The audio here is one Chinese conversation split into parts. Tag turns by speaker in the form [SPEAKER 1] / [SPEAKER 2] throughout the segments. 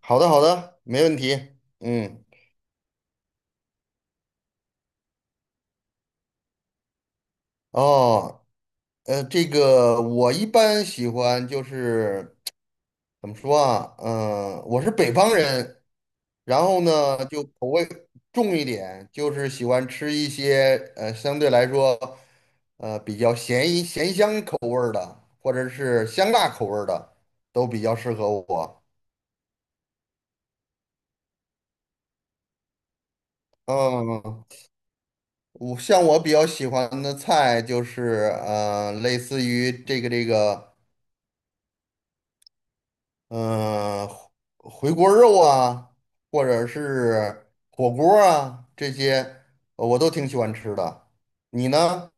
[SPEAKER 1] 好的，好的，没问题。嗯，哦，这个我一般喜欢就是怎么说啊？嗯、我是北方人，然后呢就口味重一点，就是喜欢吃一些相对来说比较咸一咸香口味儿的，或者是香辣口味儿的，都比较适合我。嗯，我像比较喜欢的菜就是类似于这个。嗯、回锅肉啊，或者是火锅啊，这些我都挺喜欢吃的。你呢？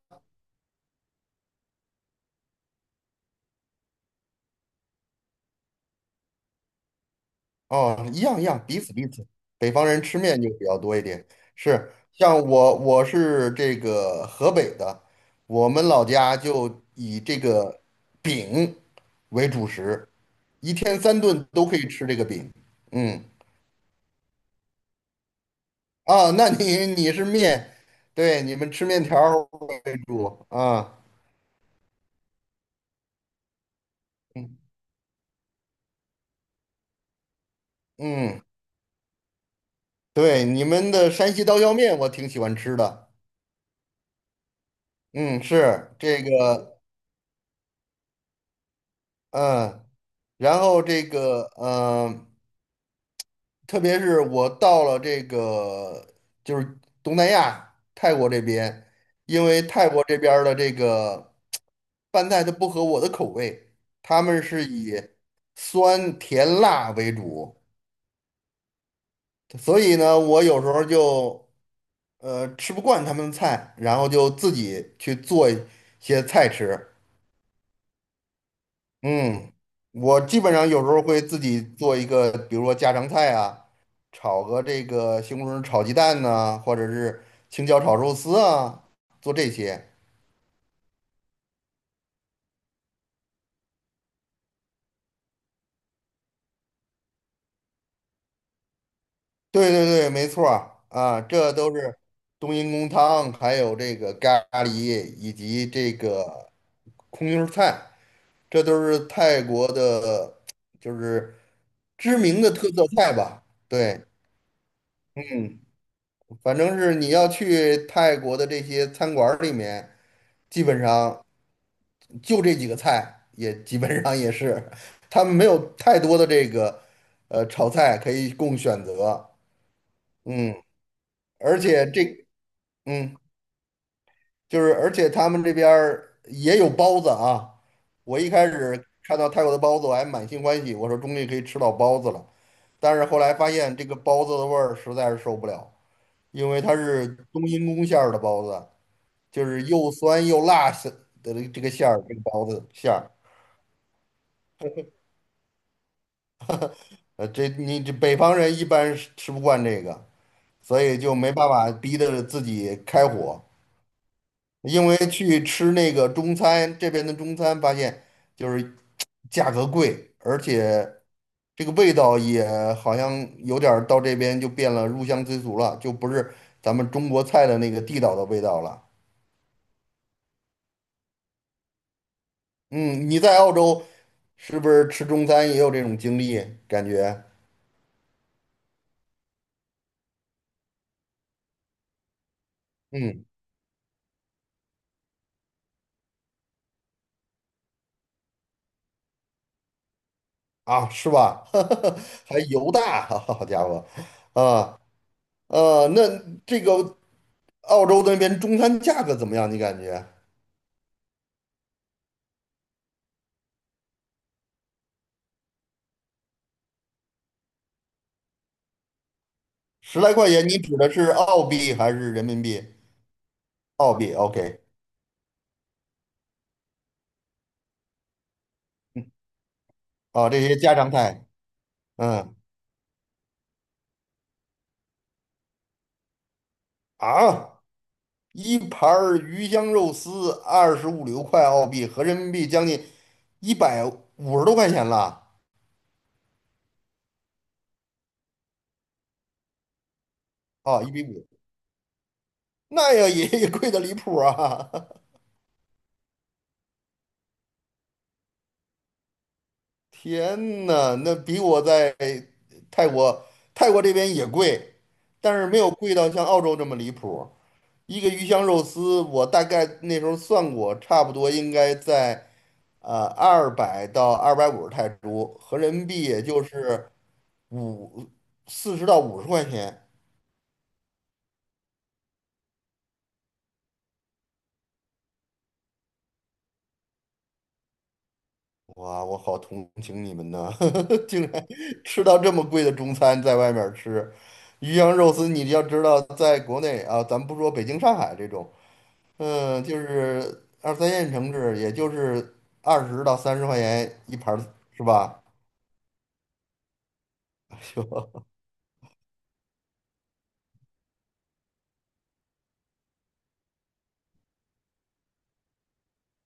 [SPEAKER 1] 哦，一样一样，彼此彼此。北方人吃面就比较多一点，是像我是这个河北的，我们老家就以这个饼为主食，一天三顿都可以吃这个饼。嗯啊，那你是面，对，你们吃面条儿为主啊。嗯嗯，对，你们的山西刀削面我挺喜欢吃的。嗯，是这个，嗯，然后这个，特别是我到了这个就是东南亚泰国这边，因为泰国这边儿的这个拌菜它不合我的口味，他们是以酸甜辣为主，所以呢，我有时候就吃不惯他们的菜，然后就自己去做一些菜吃。嗯，我基本上有时候会自己做一个，比如说家常菜啊，炒个这个西红柿炒鸡蛋呐、或者是青椒炒肉丝啊，做这些。对对对，没错儿啊，这都是冬阴功汤，还有这个咖喱以及这个空心儿菜。这都是泰国的，就是知名的特色菜吧？对，嗯，反正是你要去泰国的这些餐馆儿里面，基本上就这几个菜，也基本上也是，他们没有太多的这个炒菜可以供选择。嗯，而且这，嗯。就是而且他们这边儿也有包子啊。我一开始看到泰国的包子，我还满心欢喜，我说终于可以吃到包子了。但是后来发现这个包子的味儿实在是受不了，因为它是冬阴功馅儿的包子，就是又酸又辣是的这个馅儿，这个包子馅儿。这你这北方人一般是吃不惯这个，所以就没办法逼着自己开火。因为去吃那个中餐，这边的中餐发现就是价格贵，而且这个味道也好像有点儿到这边就变了入乡随俗了，就不是咱们中国菜的那个地道的味道了。嗯，你在澳洲是不是吃中餐也有这种经历？感觉，嗯，啊，是吧？还油大，好家伙，啊，那这个澳洲那边中餐价格怎么样？你感觉十来块钱，你指的是澳币还是人民币？澳币，OK,啊，这些家常菜，嗯。啊，一盘儿鱼香肉丝25、6块澳币，合人民币将近150多块钱了啊，1:5，那要也贵的离谱啊！天呐，那比我在泰国泰国这边也贵，但是没有贵到像澳洲这么离谱。一个鱼香肉丝，我大概那时候算过，差不多应该在200到250泰铢，合人民币也就是。五40到50块钱，哇，我好同情你们呐，竟然吃到这么贵的中餐，在外面儿吃鱼香肉丝，你要知道，在国内啊，咱不说北京、上海这种，就是二三线城市，也就是20到30块钱一盘儿是吧？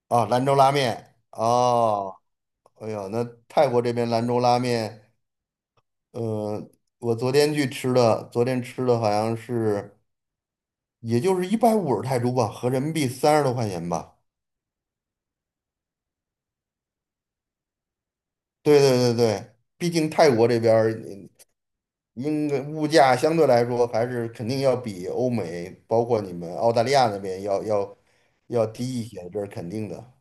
[SPEAKER 1] 啊，兰州拉面哦，哎呦，那泰国这边兰州拉面，呃，我昨天去吃的，昨天吃的好像是。也就是150泰铢吧，合人民币30多块钱吧。对对对对，毕竟泰国这边儿应该物价相对来说还是肯定要比欧美，包括你们澳大利亚那边要低一些，这是肯定的。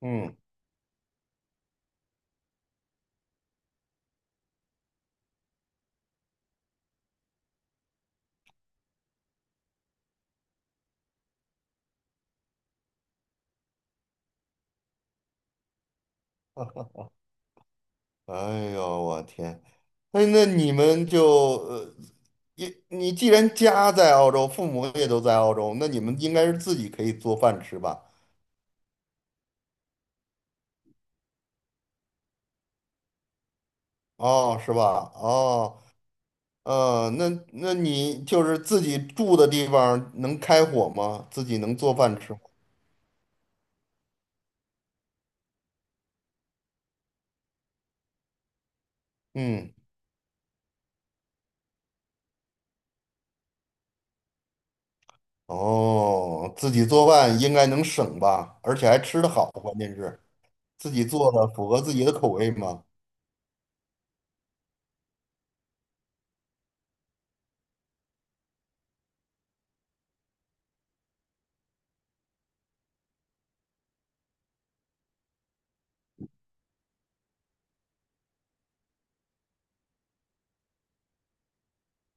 [SPEAKER 1] 嗯，哎呦我天，那你们就你你既然家在澳洲，父母也都在澳洲，那你们应该是自己可以做饭吃吧？哦，是吧？哦。那那你就是自己住的地方能开火吗？自己能做饭吃吗？嗯，哦，自己做饭应该能省吧，而且还吃得好，关键是自己做的符合自己的口味吗？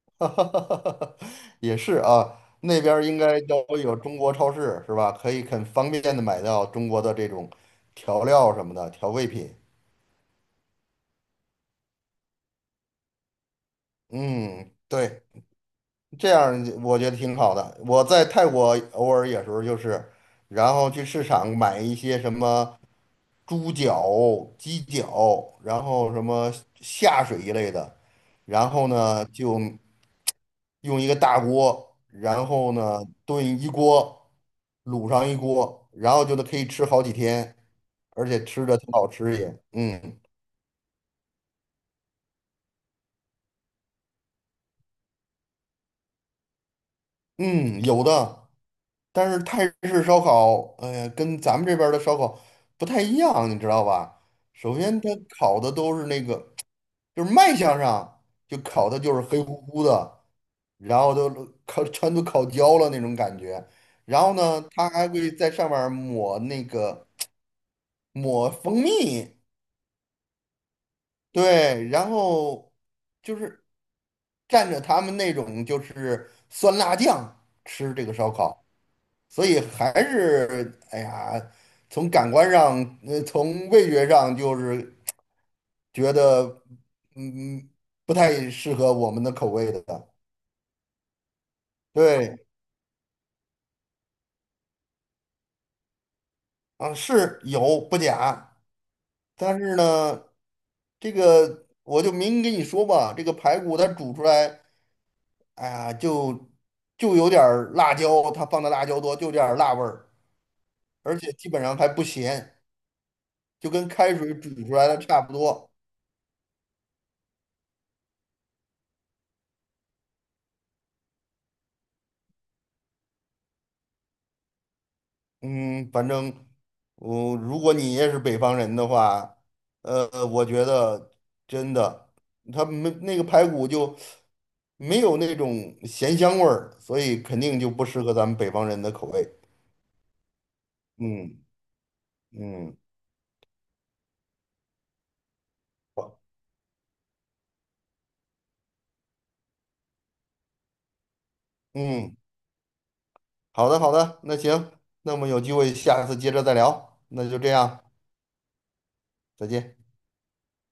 [SPEAKER 1] 哈哈哈哈也是啊，那边儿应该都有中国超市是吧？可以很方便的买到中国的这种调料什么的调味品。嗯，对。这样我觉得挺好的。我在泰国偶尔有时候就是，然后去市场买一些什么猪脚、鸡脚，然后什么下水一类的，然后呢就用一个大锅，然后呢炖一锅，卤上一锅，然后就能可以吃好几天，而且吃着挺好吃也，嗯嗯，有的。但是泰式烧烤，哎呀，跟咱们这边儿的烧烤不太一样，你知道吧？首先，它烤的都是那个，就是卖相上就烤的就是黑乎乎的，然后都烤全都烤焦了那种感觉。然后呢，它还会在上面儿抹那个抹蜂蜜，对，然后就是蘸着他们那种就是酸辣酱吃这个烧烤。所以还是哎呀，从感官上，从味觉上，就是觉得嗯不太适合我们的口味的。对，啊，是有不假，但是呢，这个我就明跟你说吧，这个排骨它煮出来，哎呀，就有点儿辣椒，它放的辣椒多，就有点儿辣味儿，而且基本上还不咸，就跟开水煮出来的差不多。嗯，反正我、如果你也是北方人的话，我觉得真的，他没那个排骨就没有那种咸香味儿，所以肯定就不适合咱们北方人的口味。嗯嗯嗯，好的好的，那行，那我们有机会下次接着再聊，那就这样，再见。